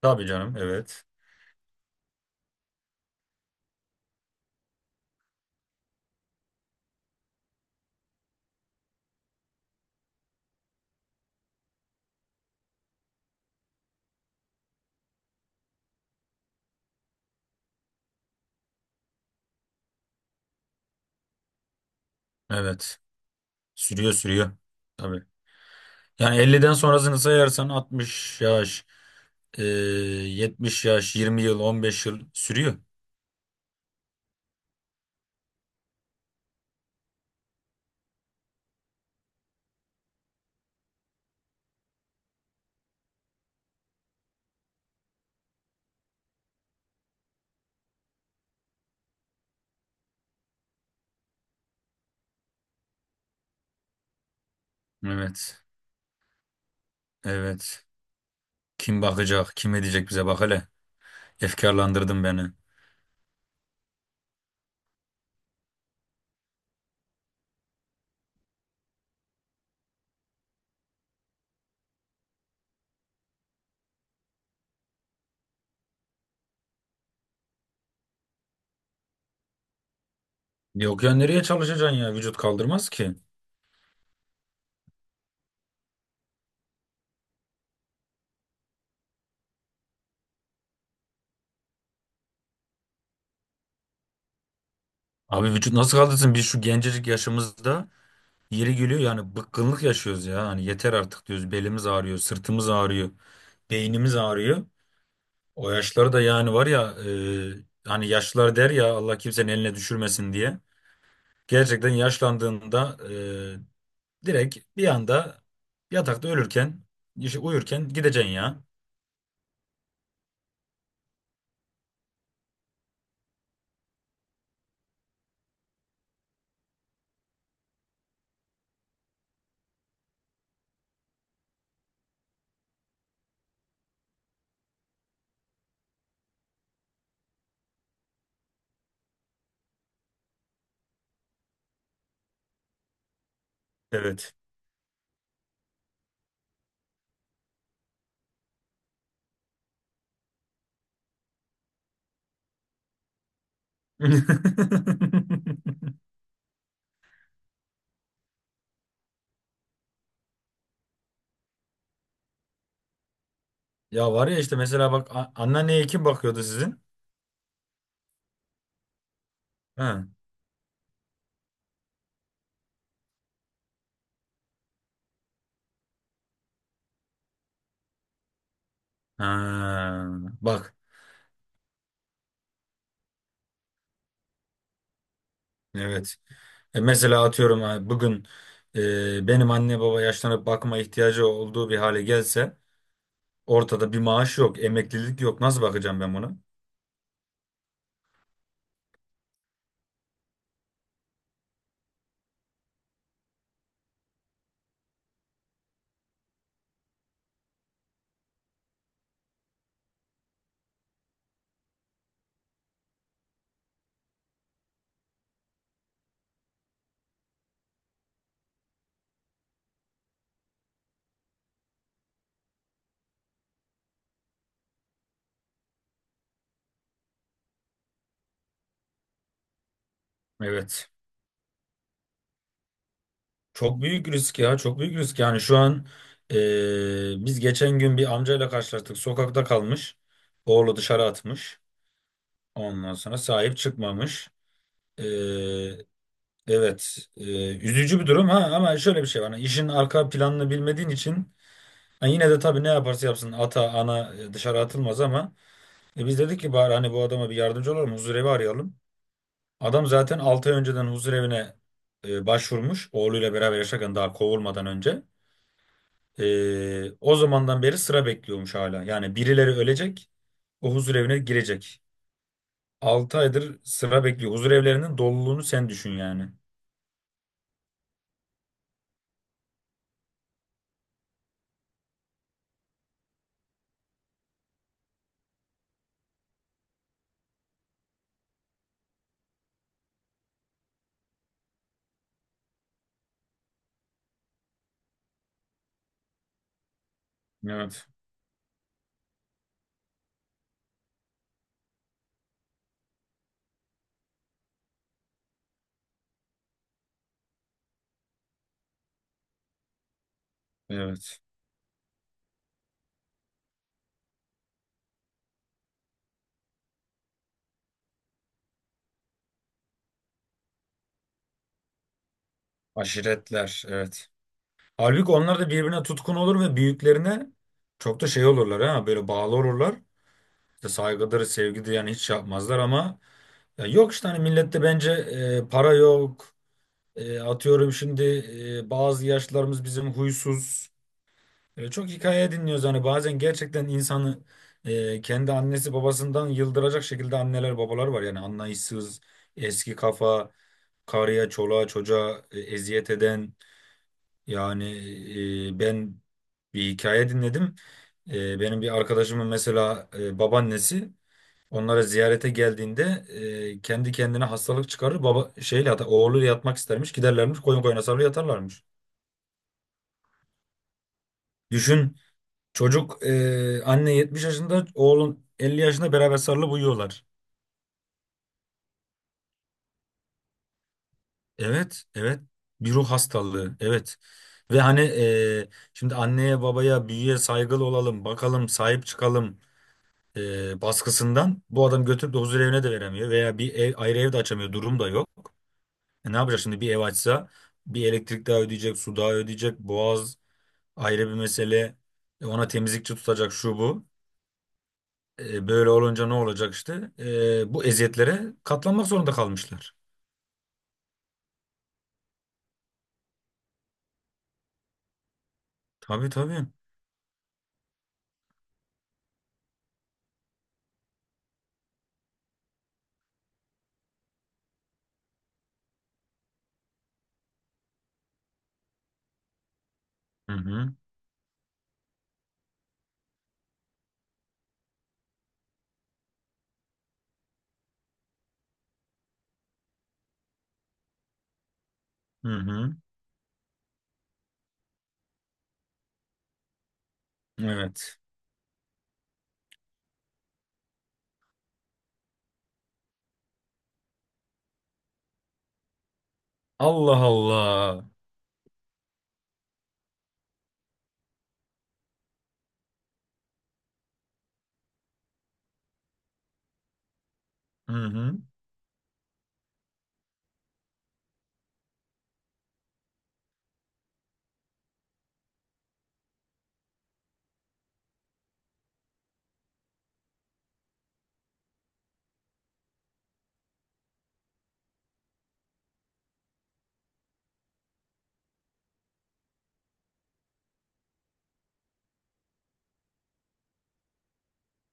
Tabii canım evet. Evet. Sürüyor sürüyor. Tabii. Yani 50'den sonrasını sayarsan 60 yaş, 70 yaş, 20 yıl, 15 yıl sürüyor. Evet. Evet. Kim bakacak, kim edecek bize bak hele. Efkarlandırdın beni. Yok ya nereye çalışacaksın ya? Vücut kaldırmaz ki. Abi vücut nasıl kaldırsın? Biz şu gencecik yaşımızda yeri geliyor yani bıkkınlık yaşıyoruz ya. Hani yeter artık diyoruz. Belimiz ağrıyor, sırtımız ağrıyor, beynimiz ağrıyor. O yaşları da yani var ya, e, hani yaşlılar der ya Allah kimsenin eline düşürmesin diye. Gerçekten yaşlandığında e, direkt bir anda yatakta ölürken, işte uyurken gideceksin ya. Evet. Ya var ya işte mesela bak, anneanneye kim bakıyordu sizin? Ha. Ha. Bak. Evet. E mesela atıyorum ha, bugün e, benim anne baba yaşlanıp bakıma ihtiyacı olduğu bir hale gelse, ortada bir maaş yok, emeklilik yok. Nasıl bakacağım ben buna? Evet. Çok büyük risk ya, çok büyük risk. Yani şu an biz geçen gün bir amcayla karşılaştık. Sokakta kalmış. Oğlu dışarı atmış. Ondan sonra sahip çıkmamış. Eee, evet, üzücü bir durum ha, ama şöyle bir şey var. Yani işin arka planını bilmediğin için ha, yine de tabii ne yaparsa yapsın ata ana e, dışarı atılmaz, ama e, biz dedik ki bari hani bu adama bir yardımcı olalım, huzurevi arayalım. Adam zaten 6 ay önceden huzur evine e, başvurmuş. Oğluyla beraber yaşarken, daha kovulmadan önce. E, o zamandan beri sıra bekliyormuş hala. Yani birileri ölecek, o huzur evine girecek. 6 aydır sıra bekliyor. Huzur evlerinin doluluğunu sen düşün yani. Evet, evet. Aşiretler, evet. Halbuki onlar da birbirine tutkun olur ve büyüklerine çok da şey olurlar, ha böyle bağlı olurlar. İşte saygıdır, sevgidir, yani hiç şey yapmazlar ama, ya yok işte hani millette bence e, para yok. E, atıyorum şimdi e, bazı yaşlarımız bizim huysuz. E, çok hikaye dinliyoruz. Hani bazen gerçekten insanı e, kendi annesi babasından yıldıracak şekilde anneler babalar var. Yani anlayışsız, eski kafa, karıya, çoluğa, çocuğa e, eziyet eden. Yani e, ben bir hikaye dinledim. E, benim bir arkadaşımın mesela e, babaannesi onlara ziyarete geldiğinde e, kendi kendine hastalık çıkarır. Baba oğluyla yatmak istermiş. Giderlermiş, koyun koyuna sarılı yatarlarmış. Düşün, çocuk, e, anne 70 yaşında, oğlun 50 yaşında, beraber sarılıp uyuyorlar. Evet evet, bir ruh hastalığı evet. Ve hani, e, şimdi anneye babaya büyüye saygılı olalım bakalım sahip çıkalım e, baskısından bu adam götürüp de huzur evine de veremiyor veya bir ev, ayrı ev de açamıyor, durum da yok. E ne yapacak şimdi, bir ev açsa bir elektrik daha ödeyecek, su daha ödeyecek, boğaz ayrı bir mesele. E ona temizlikçi tutacak, şu bu. E böyle olunca ne olacak işte? E bu eziyetlere katlanmak zorunda kalmışlar. Tabii tabii. Hı hı. Hı hı. Evet. Allah Allah. Hı hı.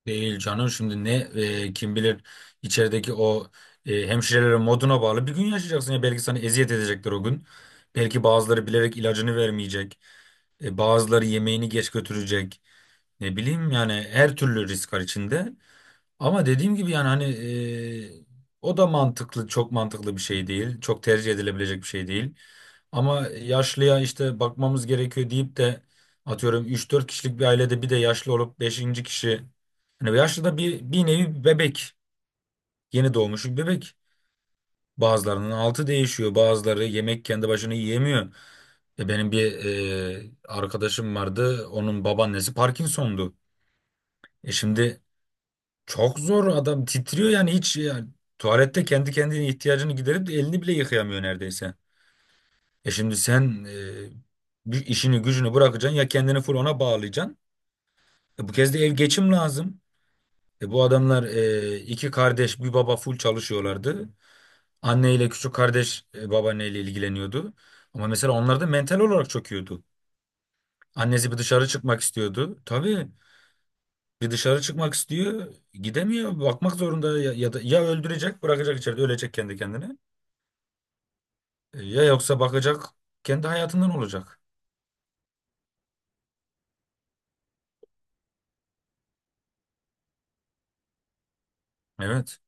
Değil canım, şimdi ne, e, kim bilir içerideki o e, hemşirelerin moduna bağlı bir gün yaşayacaksın ya, belki sana eziyet edecekler o gün. Belki bazıları bilerek ilacını vermeyecek. E, bazıları yemeğini geç götürecek. Ne bileyim yani, her türlü risk var içinde. Ama dediğim gibi yani hani, e, o da mantıklı, çok mantıklı bir şey değil. Çok tercih edilebilecek bir şey değil. Ama yaşlıya işte bakmamız gerekiyor deyip de atıyorum 3-4 kişilik bir ailede bir de yaşlı olup beşinci kişi. Hani yaşlı da bir, bir nevi bir bebek. Yeni doğmuş bir bebek. Bazılarının altı değişiyor. Bazıları yemek kendi başına yiyemiyor. Ya benim bir e, arkadaşım vardı. Onun babaannesi Parkinson'du. E şimdi çok zor, adam titriyor yani, tuvalette kendi kendine ihtiyacını giderip de elini bile yıkayamıyor neredeyse. E şimdi sen e, bir işini gücünü bırakacaksın ya, kendini full ona bağlayacaksın. E bu kez de ev geçim lazım. E bu adamlar, e, iki kardeş bir baba full çalışıyorlardı. Anne ile küçük kardeş e, babaanneyle ilgileniyordu. Ama mesela onlar da mental olarak çöküyordu. Annesi bir dışarı çıkmak istiyordu. Tabii bir dışarı çıkmak istiyor, gidemiyor. Bakmak zorunda ya, ya da ya öldürecek, bırakacak içeride, ölecek kendi kendine. E, Ya yoksa bakacak, kendi hayatından olacak. Evet,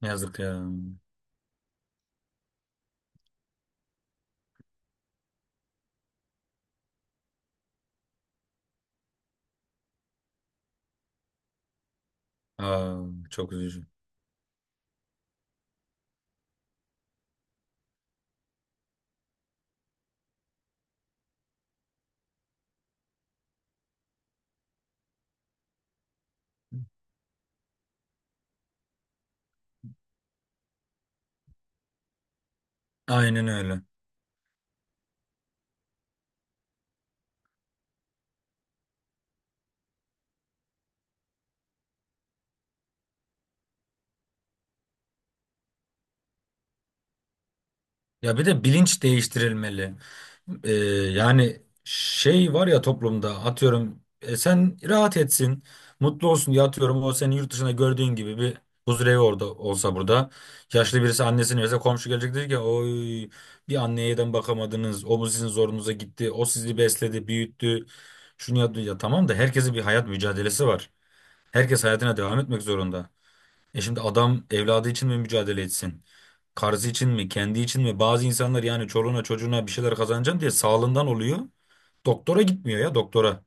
yazık ya. Aa, çok üzücü. Aynen öyle. Ya bir de bilinç değiştirilmeli. Ee, yani şey var ya toplumda, atıyorum e, sen rahat etsin, mutlu olsun diye, atıyorum o senin yurt dışında gördüğün gibi bir huzurevi orada olsa burada. Yaşlı birisi annesini verse komşu gelecek diyecek ki, oy bir anneye neden bakamadınız. O bu sizin zorunuza gitti. O sizi besledi, büyüttü. Şunu yaptı ya, tamam da herkesin bir hayat mücadelesi var. Herkes hayatına devam etmek zorunda. E şimdi adam evladı için mi mücadele etsin? Karısı için mi, kendi için mi? Bazı insanlar yani çoluğuna çocuğuna bir şeyler kazanacağım diye sağlığından oluyor. Doktora gitmiyor ya doktora.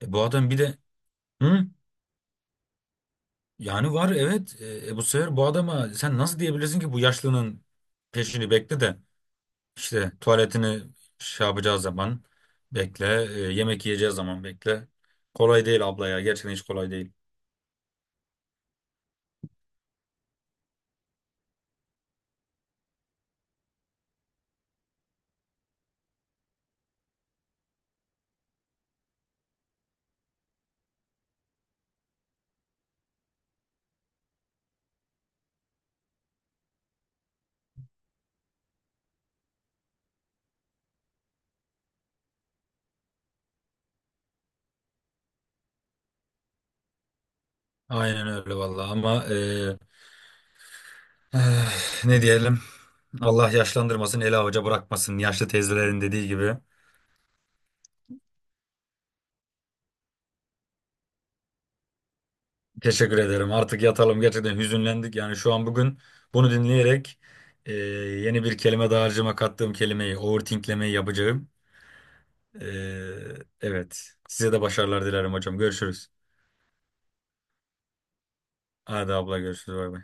E, bu adam bir de, hı? Yani var evet. Bu sefer bu adama sen nasıl diyebilirsin ki bu yaşlının peşini bekle de, işte tuvaletini şey yapacağı zaman bekle, e, yemek yiyeceği zaman bekle. Kolay değil abla ya. Gerçekten hiç kolay değil. Aynen öyle vallahi ama, e, eh, ne diyelim? Allah yaşlandırmasın, eli avuca bırakmasın. Yaşlı teyzelerin dediği gibi. Teşekkür ederim. Artık yatalım. Gerçekten hüzünlendik. Yani şu an bugün bunu dinleyerek e, yeni bir kelime daha harcama kattığım kelimeyi, overthinklemeyi yapacağım. E, evet. Size de başarılar dilerim hocam. Görüşürüz. Hadi abla görüşürüz. Bay bay.